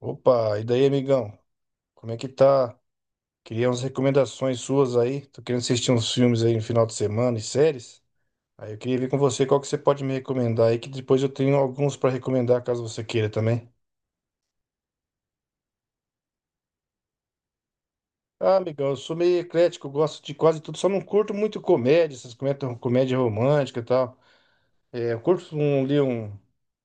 Opa, e daí, amigão? Como é que tá? Queria umas recomendações suas aí. Tô querendo assistir uns filmes aí no final de semana e séries. Aí eu queria ver com você qual que você pode me recomendar aí, que depois eu tenho alguns pra recomendar caso você queira também. Ah, amigão, eu sou meio eclético, eu gosto de quase tudo, só não curto muito comédia, essas comédia romântica e tal. É, eu curto um, ali um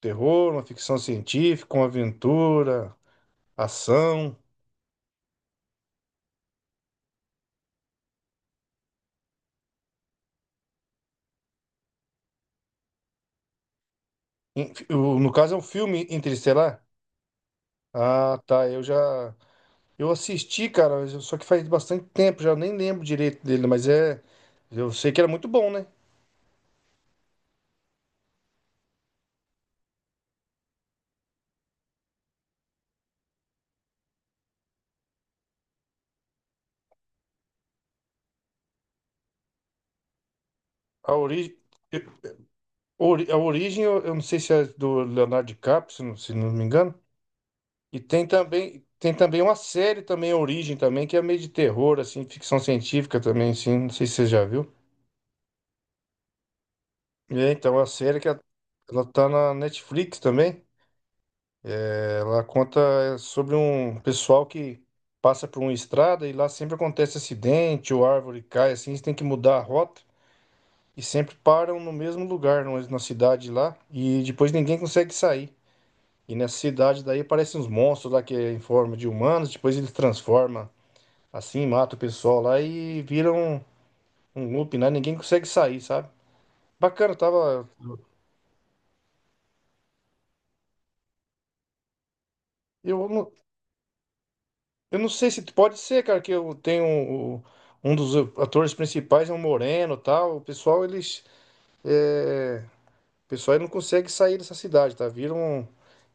terror, uma ficção científica, uma aventura, ação. No caso é um filme interestelar. Ah, tá, eu já. Eu assisti, cara, só que faz bastante tempo, já nem lembro direito dele, mas é. Eu sei que era muito bom, né? A origem, a origem eu não sei se é do Leonardo DiCaprio, se não me engano. E tem também uma série também, a Origem também, que é meio de terror, assim, ficção científica também, assim, não sei se você já viu. E é, então, a série que ela tá na Netflix também. Ela conta sobre um pessoal que passa por uma estrada e lá sempre acontece acidente ou árvore cai, assim, eles têm que mudar a rota e sempre param no mesmo lugar, na cidade lá, e depois ninguém consegue sair. E nessa cidade daí aparecem uns monstros lá que é em forma de humanos, depois eles transformam assim, mata o pessoal lá e viram um loop, né? Ninguém consegue sair, sabe? Bacana, tava. Eu, não- Eu não sei se pode ser, cara, que eu tenho um dos atores principais é um moreno, e tal. É, o pessoal ele não consegue sair dessa cidade, tá? Vira um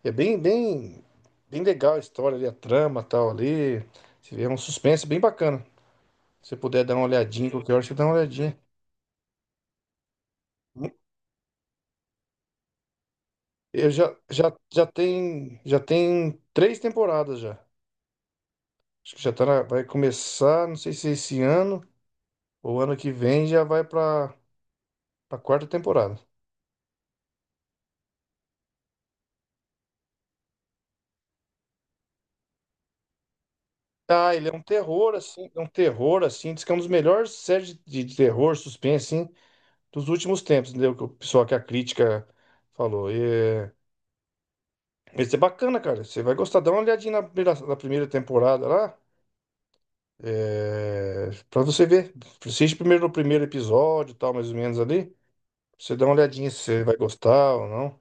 é bem bem bem legal a história ali, a trama, tal ali. Você vê, é um suspense bem bacana. Se você puder dar uma olhadinha, qualquer hora você dá uma olhadinha. Eu já já já tem três temporadas já. Acho que já tá vai começar, não sei se é esse ano ou ano que vem já vai pra para quarta temporada. Ah, ele é um terror, assim, diz que é um dos melhores séries de terror, suspense, assim, dos últimos tempos, entendeu? Que o pessoal que a crítica falou. E, é, esse é bacana, cara, você vai gostar, dá uma olhadinha na primeira temporada lá, pra você ver. Assiste primeiro o primeiro episódio, e tal, mais ou menos ali, pra você dá uma olhadinha se você vai gostar ou não.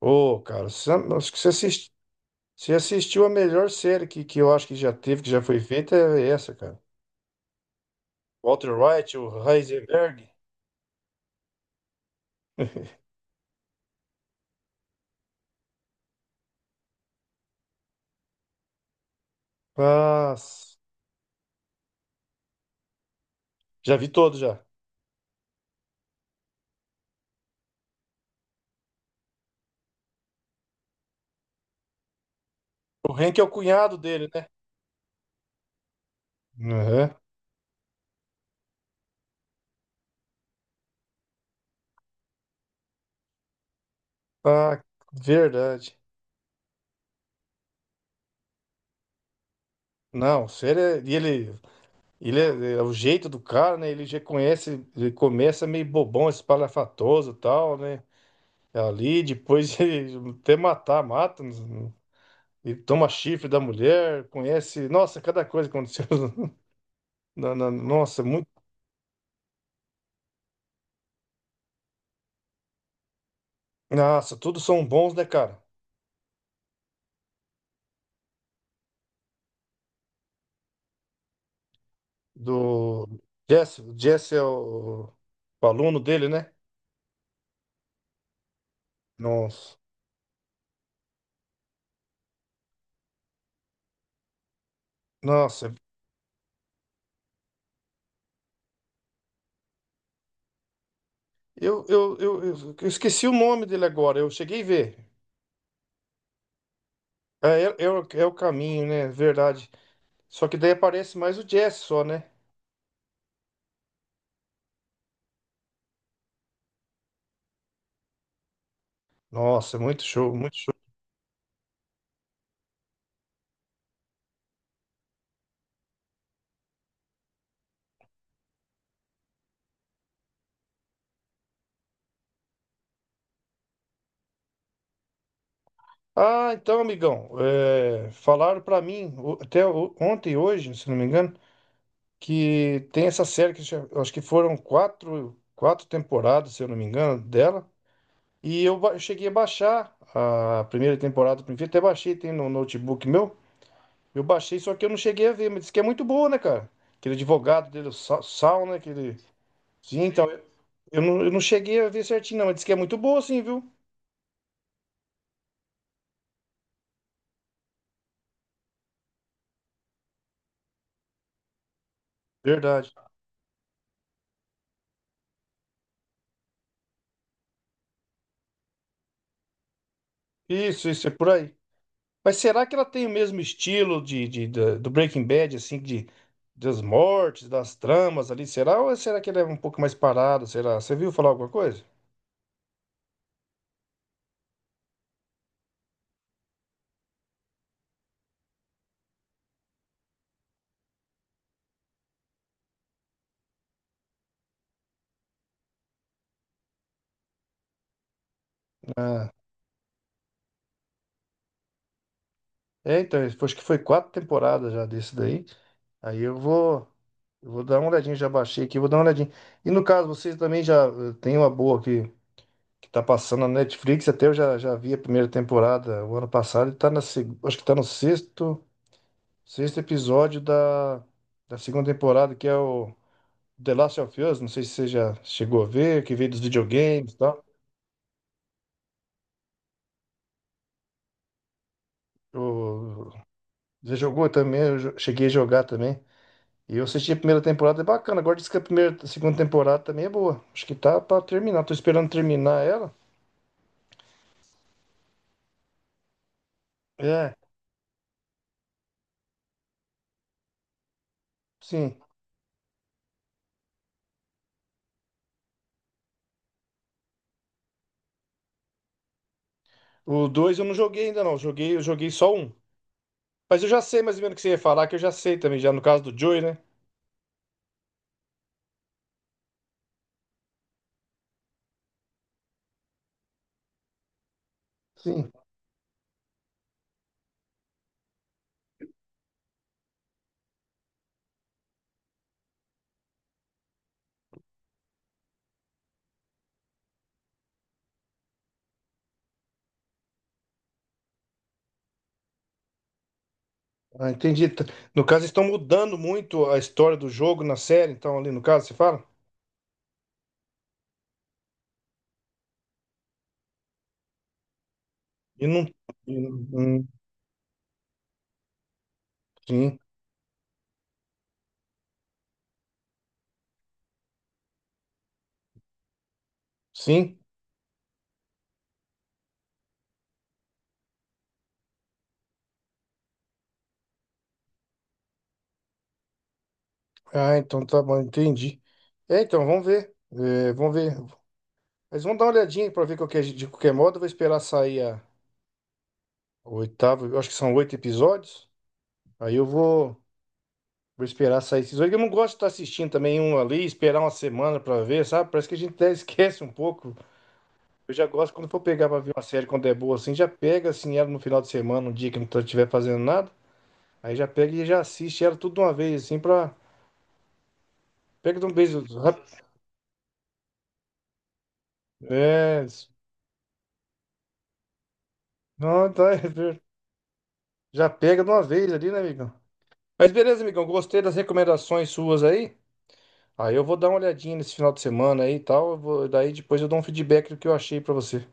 Ô, cara, acho que você assistiu a melhor série que eu acho que já teve, que já foi feita, é essa, cara. Walter White, o Heisenberg. Ah, já vi todo já. O Hank é o cunhado dele, né? Aham. Ah, verdade. Não, o Sr. E ele é o jeito do cara, né? Ele já conhece, ele começa meio bobão, espalhafatoso e tal, né? Ali, depois ele até matar, mata, né? Ele toma chifre da mulher, conhece. Nossa, cada coisa que aconteceu. Nossa, muito. Nossa, todos são bons, né, cara? Do Jesse, o Jesse é o aluno dele, né? Nossa, nossa, eu esqueci o nome dele agora, eu cheguei a ver. É o caminho, né? Verdade. Só que daí aparece mais o Jesse só, né? Nossa, muito show, muito show. Ah, então, amigão, falaram pra mim, ontem e hoje, se não me engano, que tem essa série eu acho que foram quatro temporadas, se eu não me engano, dela. E eu cheguei a baixar a primeira temporada, até baixei, tem no notebook meu. Eu baixei, só que eu não cheguei a ver, mas disse que é muito boa, né, cara? Aquele advogado dele, o Sal, né? Aquele... Sim, então, eu não cheguei a ver certinho, não, mas disse que é muito boa, sim, viu? Verdade. Isso, é por aí. Mas será que ela tem o mesmo estilo do Breaking Bad, assim, das mortes, das tramas ali? Será? Ou será que ela é um pouco mais parada? Será? Você viu falar alguma coisa? Ah, então, acho que foi 4 temporadas já desse daí. Aí eu vou dar uma olhadinha, já baixei aqui, vou dar uma olhadinha. E no caso, vocês também já tem uma boa que tá passando na Netflix, até eu já vi a primeira temporada o ano passado, e tá acho que tá no sexto episódio da segunda temporada, que é o The Last of Us, não sei se você já chegou a ver, que veio dos videogames e tal. O, você jogou também, cheguei a jogar também. E eu assisti a primeira temporada, é bacana. Agora diz que a primeira, a segunda temporada também é boa. Acho que tá pra terminar. Tô esperando terminar ela. É, sim. O dois eu não joguei ainda não, eu joguei só um. Mas eu já sei mais ou menos o que você ia falar, que eu já sei também, já no caso do Joey, né? Sim, ah, entendi. No caso, estão mudando muito a história do jogo na série, então ali no caso, você fala? E não. e não- hum, Sim, sim. Ah, então tá bom, entendi. É, então, vamos ver. É, vamos ver. Mas vamos dar uma olhadinha pra ver de qualquer modo. Eu vou esperar sair a o oitavo, eu acho que são 8 episódios. Aí eu vou. Vou esperar sair esses oito. Eu não gosto de estar assistindo também um ali, esperar uma semana pra ver, sabe? Parece que a gente até esquece um pouco. Eu já gosto quando for pegar pra ver uma série quando é boa assim, já pega assim ela no final de semana, um dia que não estiver fazendo nada. Aí já pega e já assiste ela tudo de uma vez, assim, pra. Pega de um beijo. É isso. Não, tá. Já pega de uma vez ali, né, amigão? Mas beleza, amigão. Gostei das recomendações suas aí. Aí eu vou dar uma olhadinha nesse final de semana aí e tal. Daí depois eu dou um feedback do que eu achei pra você.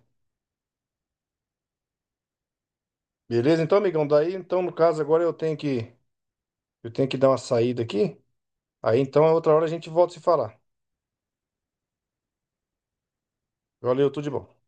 Beleza? Então, amigão, daí, então, no caso, agora eu tenho que dar uma saída aqui. Aí, então, a outra hora a gente volta a se falar. Valeu, tudo de bom.